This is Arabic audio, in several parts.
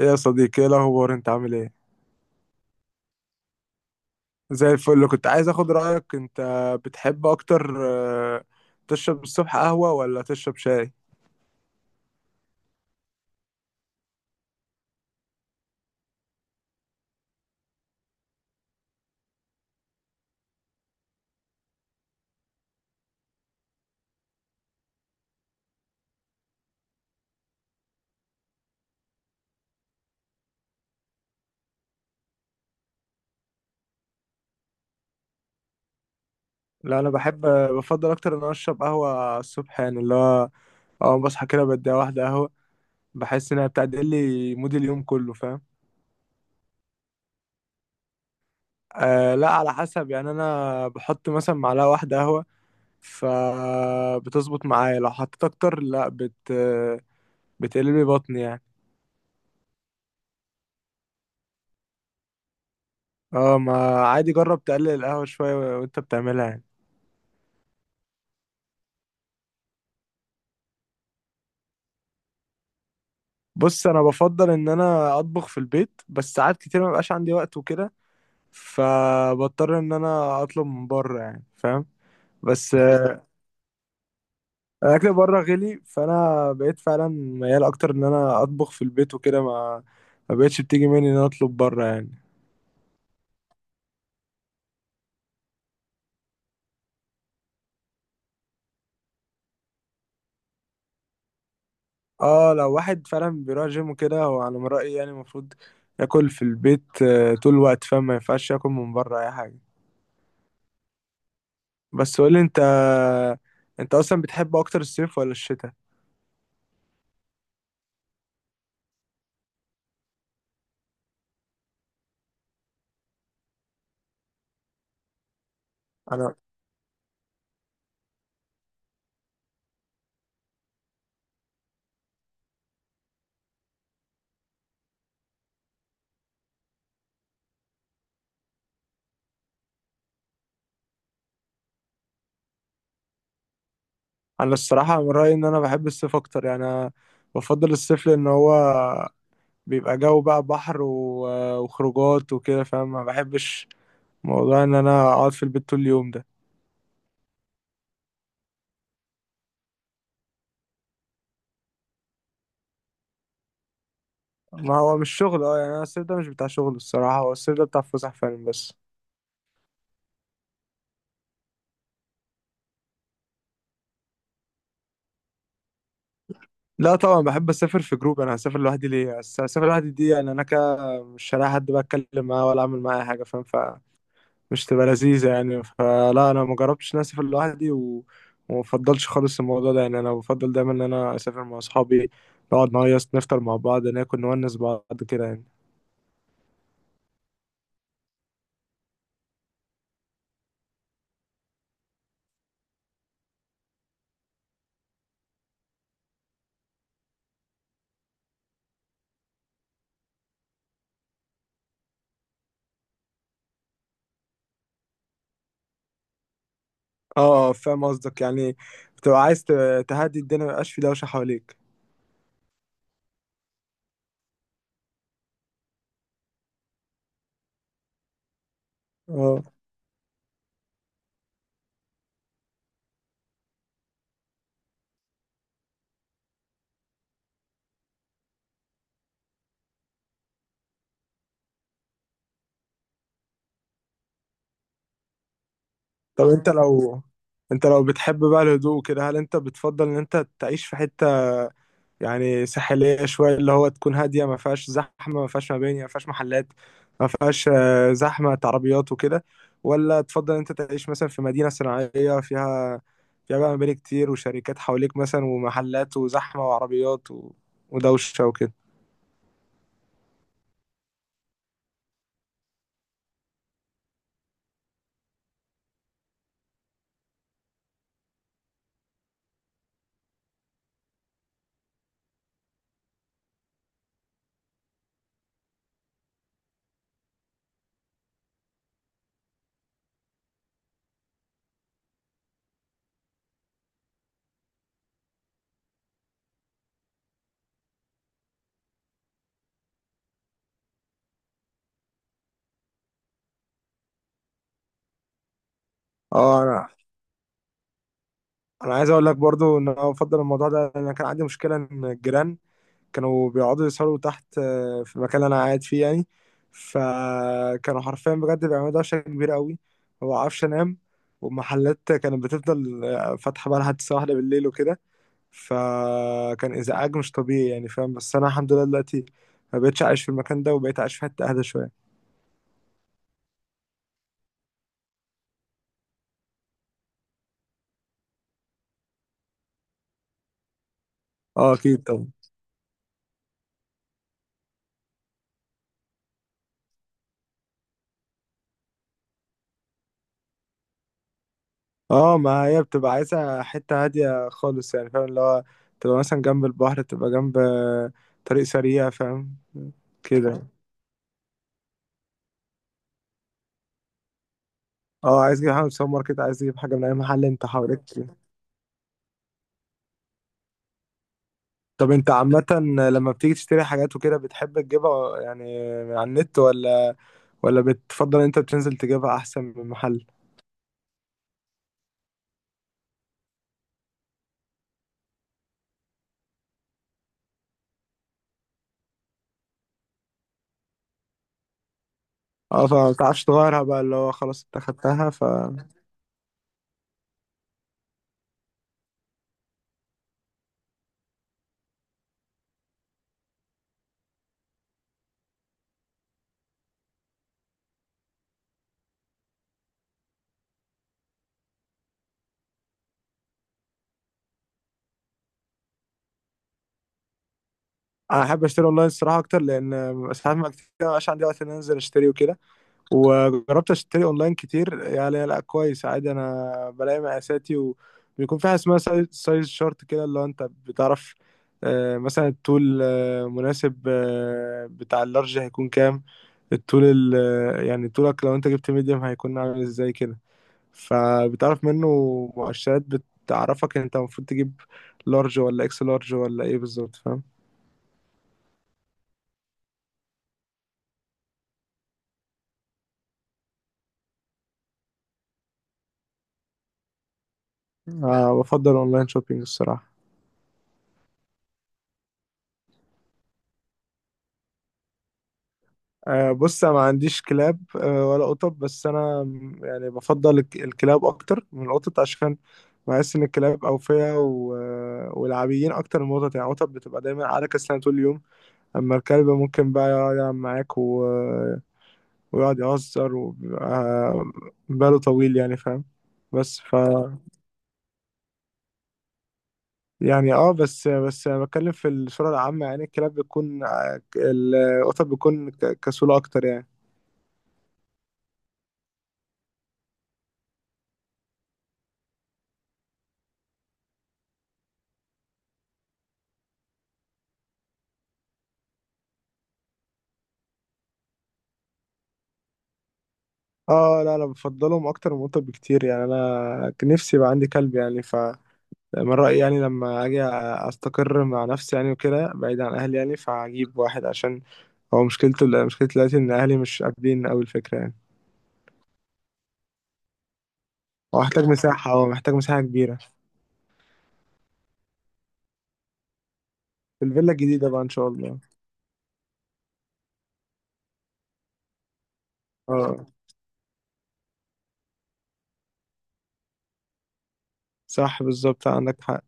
إيه يا صديقي، ايه الاخبار؟ انت عامل ايه؟ زي الفل. كنت عايز اخد رايك، انت بتحب اكتر، آه، تشرب الصبح قهوه ولا تشرب شاي؟ لا انا بحب، بفضل اكتر ان أنا اشرب قهوه الصبح، يعني اللي هو اول ما بصحى كده بدي واحده قهوه، بحس انها بتعدل لي مود اليوم كله، فاهم؟ أه لا، على حسب يعني. انا بحط مثلا معلقه واحده قهوه فبتظبط معايا، لو حطيت اكتر لا بتقلب لي بطني يعني. اه ما عادي، جرب تقلل القهوه شويه وانت بتعملها يعني. بص، انا بفضل ان انا اطبخ في البيت، بس ساعات كتير ما بيبقاش عندي وقت وكده، فبضطر ان انا اطلب من بره يعني، فاهم؟ بس الاكل بره غلي، فانا بقيت فعلا ميال اكتر ان انا اطبخ في البيت وكده، ما بقتش بتيجي مني ان انا اطلب بره يعني. اه لو واحد فعلا بيروح جيم وكده، هو على ما رايي يعني المفروض ياكل في البيت طول الوقت، فاهم؟ ما ينفعش ياكل من بره اي حاجه. بس قولي انت، انت اصلا بتحب اكتر الصيف ولا الشتاء؟ انا انا الصراحه من رايي ان انا بحب الصيف اكتر يعني. أنا بفضل الصيف لان هو بيبقى جو بقى، بحر وخروجات وكده، فاهم؟ ما بحبش موضوع ان انا اقعد في البيت طول اليوم ده. ما هو مش شغل، اه يعني انا الصيف ده مش بتاع شغل الصراحه، هو الصيف ده بتاع فسح فعلا بس. لا طبعا، بحب اسافر في جروب. انا هسافر لوحدي ليه؟ هسافر لوحدي دي يعني انا كده مش هلاقي حد بقى اتكلم معاه ولا اعمل معاه أي حاجه، فاهم؟ مش تبقى لذيذة يعني. فلا، أنا ما جربتش إن أنا أسافر لوحدي وما بفضلش خالص الموضوع ده يعني. أنا بفضل دايما إن أنا أسافر مع أصحابي، نقعد نهيص، نفطر مع بعض، ناكل، نونس بعض كده يعني. اه فاهم قصدك يعني، بتبقى عايز تهدي الدنيا، ميبقاش في دوشة حواليك. اه طب أنت لو، أنت لو بتحب بقى الهدوء كده، هل أنت بتفضل إن أنت تعيش في حتة يعني ساحلية شوية، اللي هو تكون هادية، ما فيهاش زحمة، ما فيهاش مباني، ما فيهاش محلات، ما فيهاش زحمة عربيات وكده؟ ولا تفضل انت تعيش مثلا في مدينة صناعية فيها بقى مباني كتير وشركات حواليك مثلا ومحلات وزحمة وعربيات ودوشة وكده؟ اه، انا عايز اقول لك برضو ان انا بفضل الموضوع ده. انا كان عندي مشكلة ان الجيران كانوا بيقعدوا يسهروا تحت في المكان اللي انا قاعد فيه يعني، فكانوا حرفيا بجد بيعملوا دوشه كبيره قوي، هو عفش نام. والمحلات كانت بتفضل فاتحه بقى لحد الساعه واحدة بالليل وكده، فكان ازعاج مش طبيعي يعني، فاهم؟ بس انا الحمد لله دلوقتي ما بقتش عايش في المكان ده، وبقيت عايش في حته اهدى شويه. اه اكيد طبعا. اه ما هي بتبقى عايزه حته هاديه خالص يعني، فاهم؟ اللي هو تبقى مثلا جنب البحر، تبقى جنب طريق سريع، فاهم كده؟ اه عايز تجيب حاجه من السوبر ماركت، عايز تجيب حاجه من اي محل انت حواليك. طب انت عامه لما بتيجي تشتري حاجات وكده، بتحب تجيبها يعني من على النت، ولا بتفضل انت بتنزل تجيبها احسن من محل؟ اه، فما بتعرفش تغيرها بقى، اللي هو خلاص انت خدتها ف... انا احب اشتري اونلاين الصراحه اكتر، لان ساعات ما كتير مبقاش عندي وقت ان أنا انزل اشتري وكده. وجربت اشتري اونلاين كتير يعني، لا كويس عادي، انا بلاقي مقاساتي، وبيكون في حاجه اسمها سايز، سايز شورت كده، اللي هو انت بتعرف مثلا الطول مناسب بتاع اللارج هيكون كام، الطول ال آه، يعني طولك لو انت جبت ميديم هيكون عامل ازاي كده، فبتعرف منه مؤشرات بتعرفك انت المفروض تجيب لارج ولا اكس لارج ولا ايه بالظبط، فاهم؟ بفضل اونلاين شوبينج الصراحه. بص انا ما عنديش كلاب ولا قطط، بس انا يعني بفضل الكلاب اكتر من القطط، عشان بحس ان الكلاب اوفياء ولعبيين اكتر من القطط يعني. القطط بتبقى دايما على كسلانه طول اليوم، اما الكلب ممكن بقى يقعد يلعب معاك و... آه، ويقعد يهزر، وبيبقى باله طويل يعني، فاهم؟ بس يعني اه، بس انا بتكلم في الصوره العامه يعني، الكلاب بتكون القطط بتكون كسوله اكتر يعني. اه لا انا بفضلهم اكتر من القطط بكتير يعني، انا كان نفسي يبقى عندي كلب يعني. ف من رأيي يعني لما اجي استقر مع نفسي يعني وكده بعيد عن اهلي يعني، فهجيب واحد. عشان هو مشكلته، مشكلتي دلوقتي ان اهلي مش قابلين قوي الفكرة يعني. هو محتاج مساحة كبيرة. في الفيلا الجديدة بقى ان شاء الله. اه صح بالظبط، عندك حق.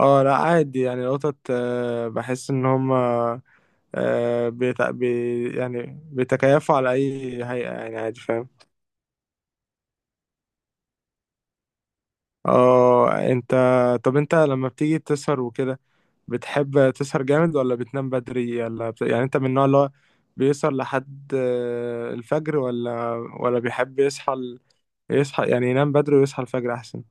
اه لا عادي يعني، القطط بحس ان هما يعني بيتكيفوا على اي هيئة يعني عادي، فاهم؟ اه، طب انت لما بتيجي تسهر وكده، بتحب تسهر جامد ولا بتنام بدري ولا يعني انت من النوع اللي هو بيسهر لحد الفجر، ولا بيحب يصحى يصحى يعني ينام بدري ويصحى الفجر احسن؟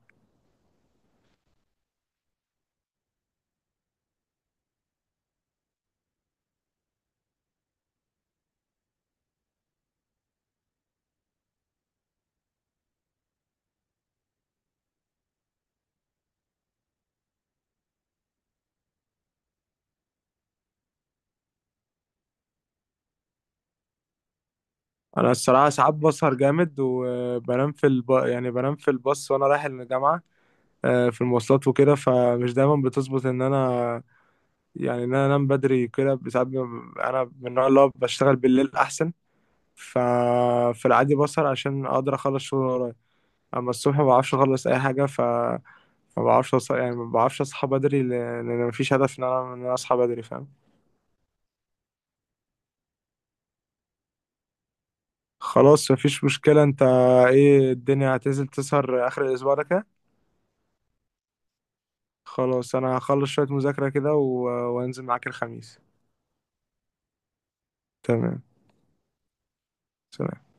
انا الصراحة ساعات بسهر جامد، وبنام في يعني بنام في الباص وانا رايح الجامعة في المواصلات وكده، فمش دايما بتظبط ان انا يعني ان انا انام بدري كده. ساعات انا من النوع اللي هو بشتغل بالليل احسن، ففي العادي بسهر عشان اقدر اخلص شغل اللي ورايا، اما الصبح ما بعرفش اخلص اي حاجه. ف ما بعرفش يعني ما بعرفش اصحى بدري لان أنا مفيش هدف ان انا ان انا اصحى بدري، فاهم؟ خلاص مفيش مشكله. انت ايه الدنيا، هتنزل تسهر اخر الاسبوع ده كده؟ خلاص انا هخلص شويه مذاكره كده وانزل معاك الخميس. تمام، سلام.